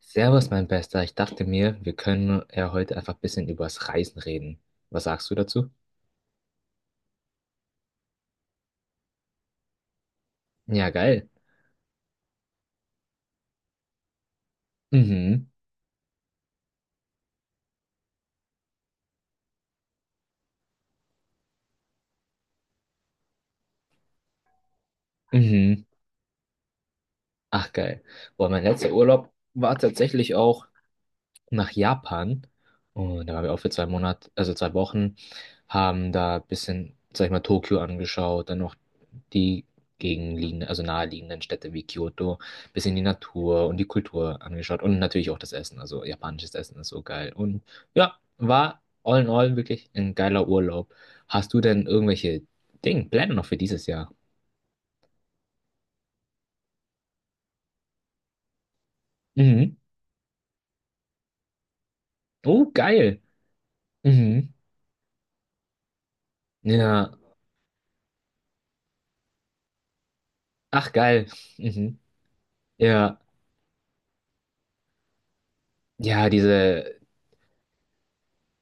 Servus, mein Bester. Ich dachte mir, wir können ja heute einfach ein bisschen über das Reisen reden. Was sagst du dazu? Ja, geil. Mhm. Mhm. Ach, geil. Boah, mein letzter Urlaub war tatsächlich auch nach Japan, und da waren wir auch für 2 Monate, also 2 Wochen, haben da ein bisschen, sag ich mal, Tokio angeschaut, dann noch die gegenliegenden, also naheliegenden Städte wie Kyoto, bisschen die Natur und die Kultur angeschaut und natürlich auch das Essen. Also japanisches Essen ist so geil. Und ja, war all in all wirklich ein geiler Urlaub. Hast du denn irgendwelche Pläne noch für dieses Jahr? Mhm. Oh, geil. Mhm. Ja. Ach, geil. Mhm. Ja. Ja, diese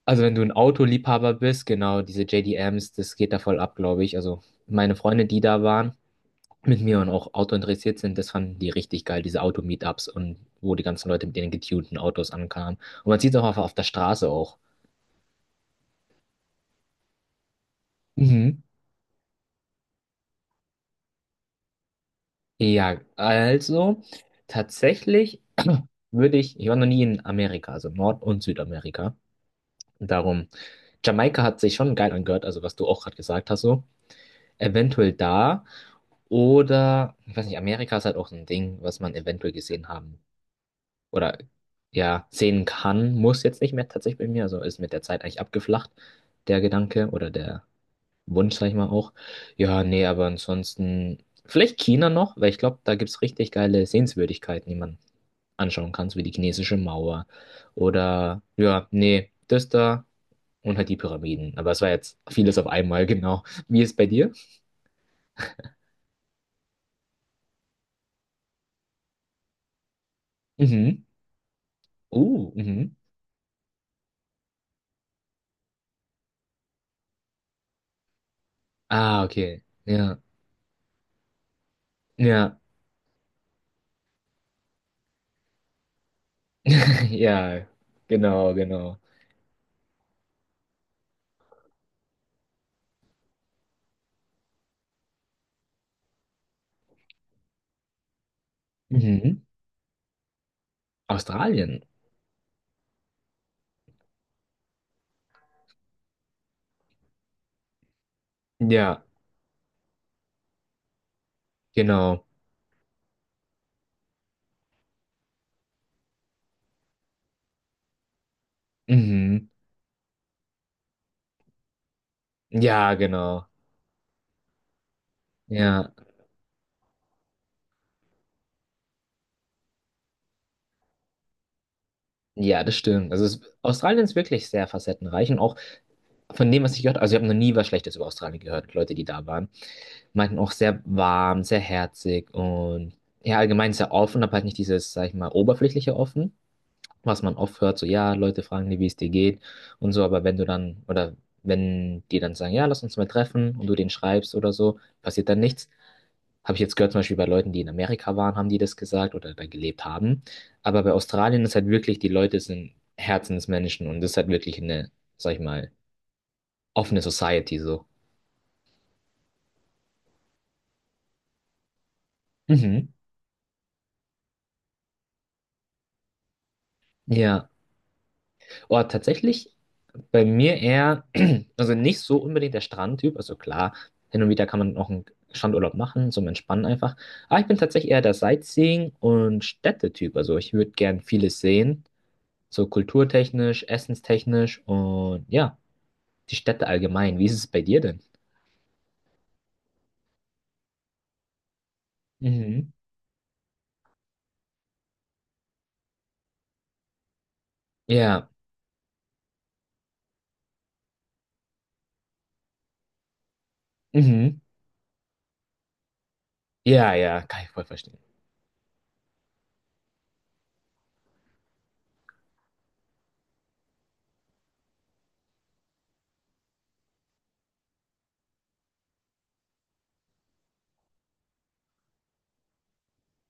also wenn du ein Autoliebhaber bist, genau, diese JDMs, das geht da voll ab, glaube ich. Also meine Freunde, die da waren, mit mir und auch Auto interessiert sind, das fanden die richtig geil, diese Auto-Meetups und wo die ganzen Leute mit ihren getunten Autos ankamen. Und man sieht es auch auf der Straße auch. Mhm. Ja, also tatsächlich ich war noch nie in Amerika, also Nord- und Südamerika. Darum, Jamaika hat sich schon geil angehört, also was du auch gerade gesagt hast, so. Eventuell da. Oder, ich weiß nicht, Amerika ist halt auch so ein Ding, was man eventuell gesehen haben oder ja, sehen kann, muss jetzt nicht mehr tatsächlich bei mir. Also ist mit der Zeit eigentlich abgeflacht, der Gedanke oder der Wunsch, sag ich mal auch. Ja, nee, aber ansonsten vielleicht China noch, weil ich glaube, da gibt es richtig geile Sehenswürdigkeiten, die man anschauen kann, so wie die chinesische Mauer oder ja, nee, das da und halt die Pyramiden. Aber es war jetzt vieles auf einmal, genau. Wie ist es bei dir? Mhm. Mhm. Ah, okay. Ja, ja, ja, genau, genau. Mhm. Australien. Ja, genau. Mhm. Ja, genau. Ja, ja, das stimmt. Also Australien ist wirklich sehr facettenreich und auch von dem, was ich gehört habe, also ich habe noch nie was Schlechtes über Australien gehört. Leute, die da waren, meinten auch sehr warm, sehr herzig und ja, allgemein sehr offen, aber halt nicht dieses, sag ich mal, oberflächliche offen. Was man oft hört, so ja, Leute fragen dir, wie es dir geht und so, aber wenn du dann, oder wenn die dann sagen, ja, lass uns mal treffen und du denen schreibst oder so, passiert dann nichts. Habe ich jetzt gehört, zum Beispiel bei Leuten, die in Amerika waren, haben die das gesagt oder da gelebt haben. Aber bei Australien ist halt wirklich, die Leute sind Herzensmenschen und das ist halt wirklich eine, sag ich mal, offene Society so. Mhm. Ja. Oh, tatsächlich. Bei mir eher, also nicht so unbedingt der Strandtyp. Also klar, hin und wieder kann man noch einen Strandurlaub machen, zum Entspannen einfach. Aber ich bin tatsächlich eher der Sightseeing- und Städtetyp. Also ich würde gern vieles sehen, so kulturtechnisch, essenstechnisch und ja, die Städte allgemein. Wie ist es bei dir denn? Mhm. Ja. Mhm. Ja, ja, kann ich voll verstehen.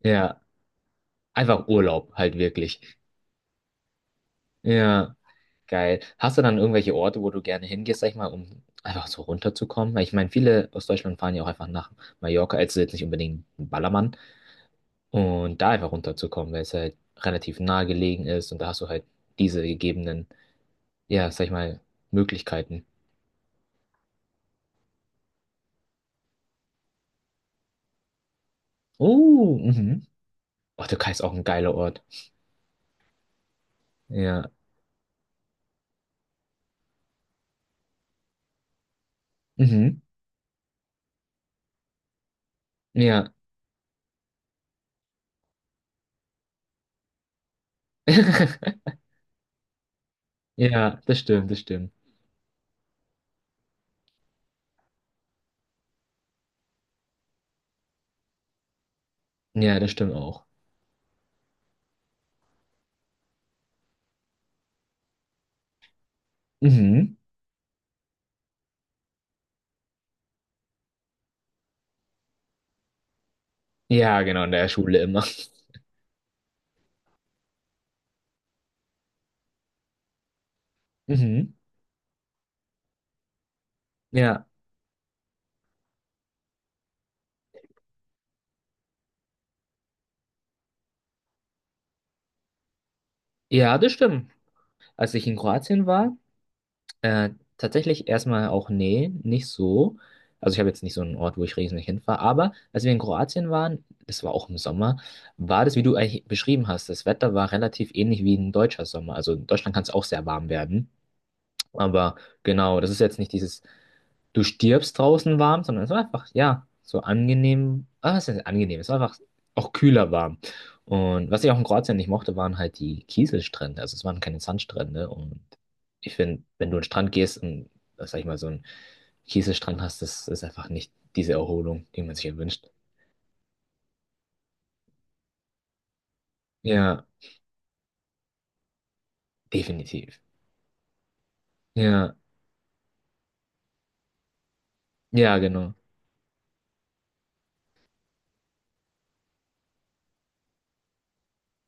Ja, einfach Urlaub halt wirklich. Ja. Geil. Hast du dann irgendwelche Orte, wo du gerne hingehst, sag ich mal, um einfach so runterzukommen? Weil ich meine, viele aus Deutschland fahren ja auch einfach nach Mallorca, also jetzt nicht unbedingt ein Ballermann, und da einfach runterzukommen, weil es halt relativ nahe gelegen ist und da hast du halt diese gegebenen, ja, sag ich mal, Möglichkeiten. Oh, mhm. Portugal ist auch ein geiler Ort. Ja. Mhm. Ja. Ja, das stimmt, das stimmt. Ja, das stimmt auch. Mhm. Ja, genau, in der Schule immer. Mhm. Ja. Ja, das stimmt. Als ich in Kroatien war, äh, tatsächlich erstmal auch, nee, nicht so. Also ich habe jetzt nicht so einen Ort, wo ich riesig hinfahre, aber als wir in Kroatien waren, das war auch im Sommer, war das, wie du eigentlich beschrieben hast, das Wetter war relativ ähnlich wie ein deutscher Sommer. Also in Deutschland kann es auch sehr warm werden. Aber genau, das ist jetzt nicht dieses, du stirbst draußen warm, sondern es war einfach, ja, so angenehm, ah, es ist angenehm, es war einfach auch kühler warm. Und was ich auch in Kroatien nicht mochte, waren halt die Kieselstrände. Also es waren keine Sandstrände. Und ich finde, wenn du in den Strand gehst und, sag ich mal, so einen Kieselstrand hast, das ist einfach nicht diese Erholung, die man sich erwünscht. Ja, definitiv. Ja, ja, genau.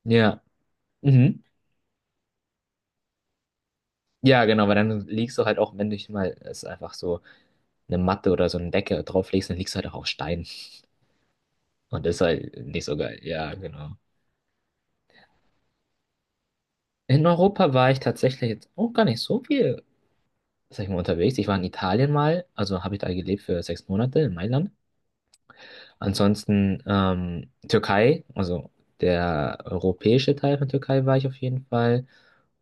Ja, mhm. Ja, genau, weil dann liegst du halt auch, wenn dich mal, es ist einfach so, eine Matte oder so eine Decke drauflegst, dann liegst du halt auch auf Stein. Und das ist halt nicht so geil. Ja, genau. In Europa war ich tatsächlich jetzt auch gar nicht so viel, sag ich mal, unterwegs. Ich war in Italien mal, also habe ich da gelebt für 6 Monate in Mailand. Ansonsten Türkei, also der europäische Teil von Türkei war ich auf jeden Fall.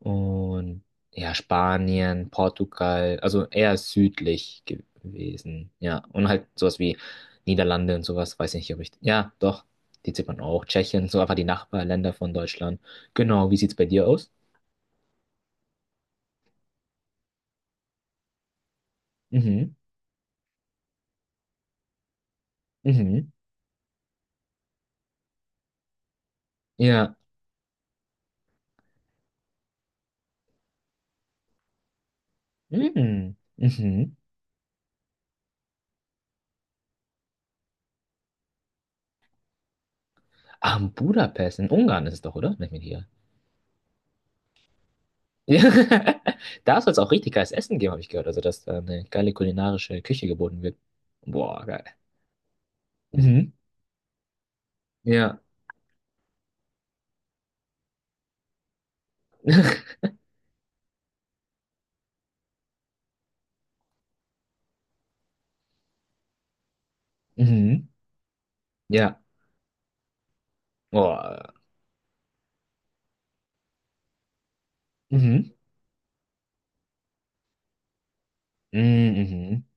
Und ja, Spanien, Portugal, also eher südlich gewesen. Ja, und halt sowas wie Niederlande und sowas, weiß nicht, ob ich. Ja, doch, die zählt man auch. Tschechien, so einfach die Nachbarländer von Deutschland. Genau, wie sieht's bei dir aus? Mhm, mhm, ja, mhm, mhm. Ah, in Budapest, in Ungarn ist es doch, oder? Nicht mit hier. Ja, da soll es auch richtig geiles Essen geben, habe ich gehört. Also, dass da eine geile kulinarische Küche geboten wird. Boah, geil. Mhm, ja. Mhm. Ja. Boah. Mhm. Mhm. Mhm.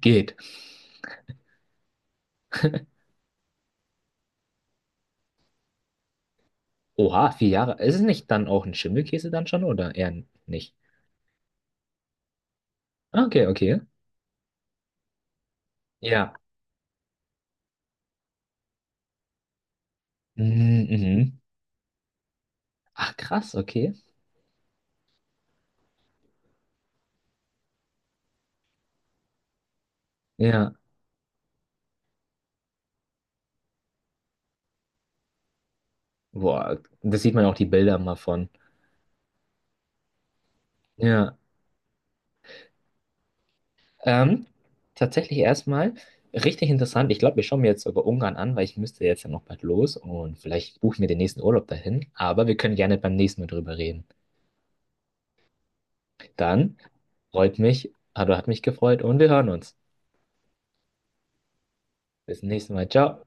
Geht. Oha, 4 Jahre. Ist es nicht dann auch ein Schimmelkäse dann schon oder eher nicht? Ah, okay, okay. Ja. Mhm. Mhm. Ach, krass, okay. Ja. Boah, das sieht man auch die Bilder mal von. Ja. Ähm, tatsächlich erstmal richtig interessant. Ich glaube, wir schauen mir jetzt sogar Ungarn an, weil ich müsste jetzt ja noch bald los und vielleicht buchen wir den nächsten Urlaub dahin. Aber wir können gerne beim nächsten Mal drüber reden. Dann freut mich, also hat mich gefreut und wir hören uns. Bis zum nächsten Mal. Ciao.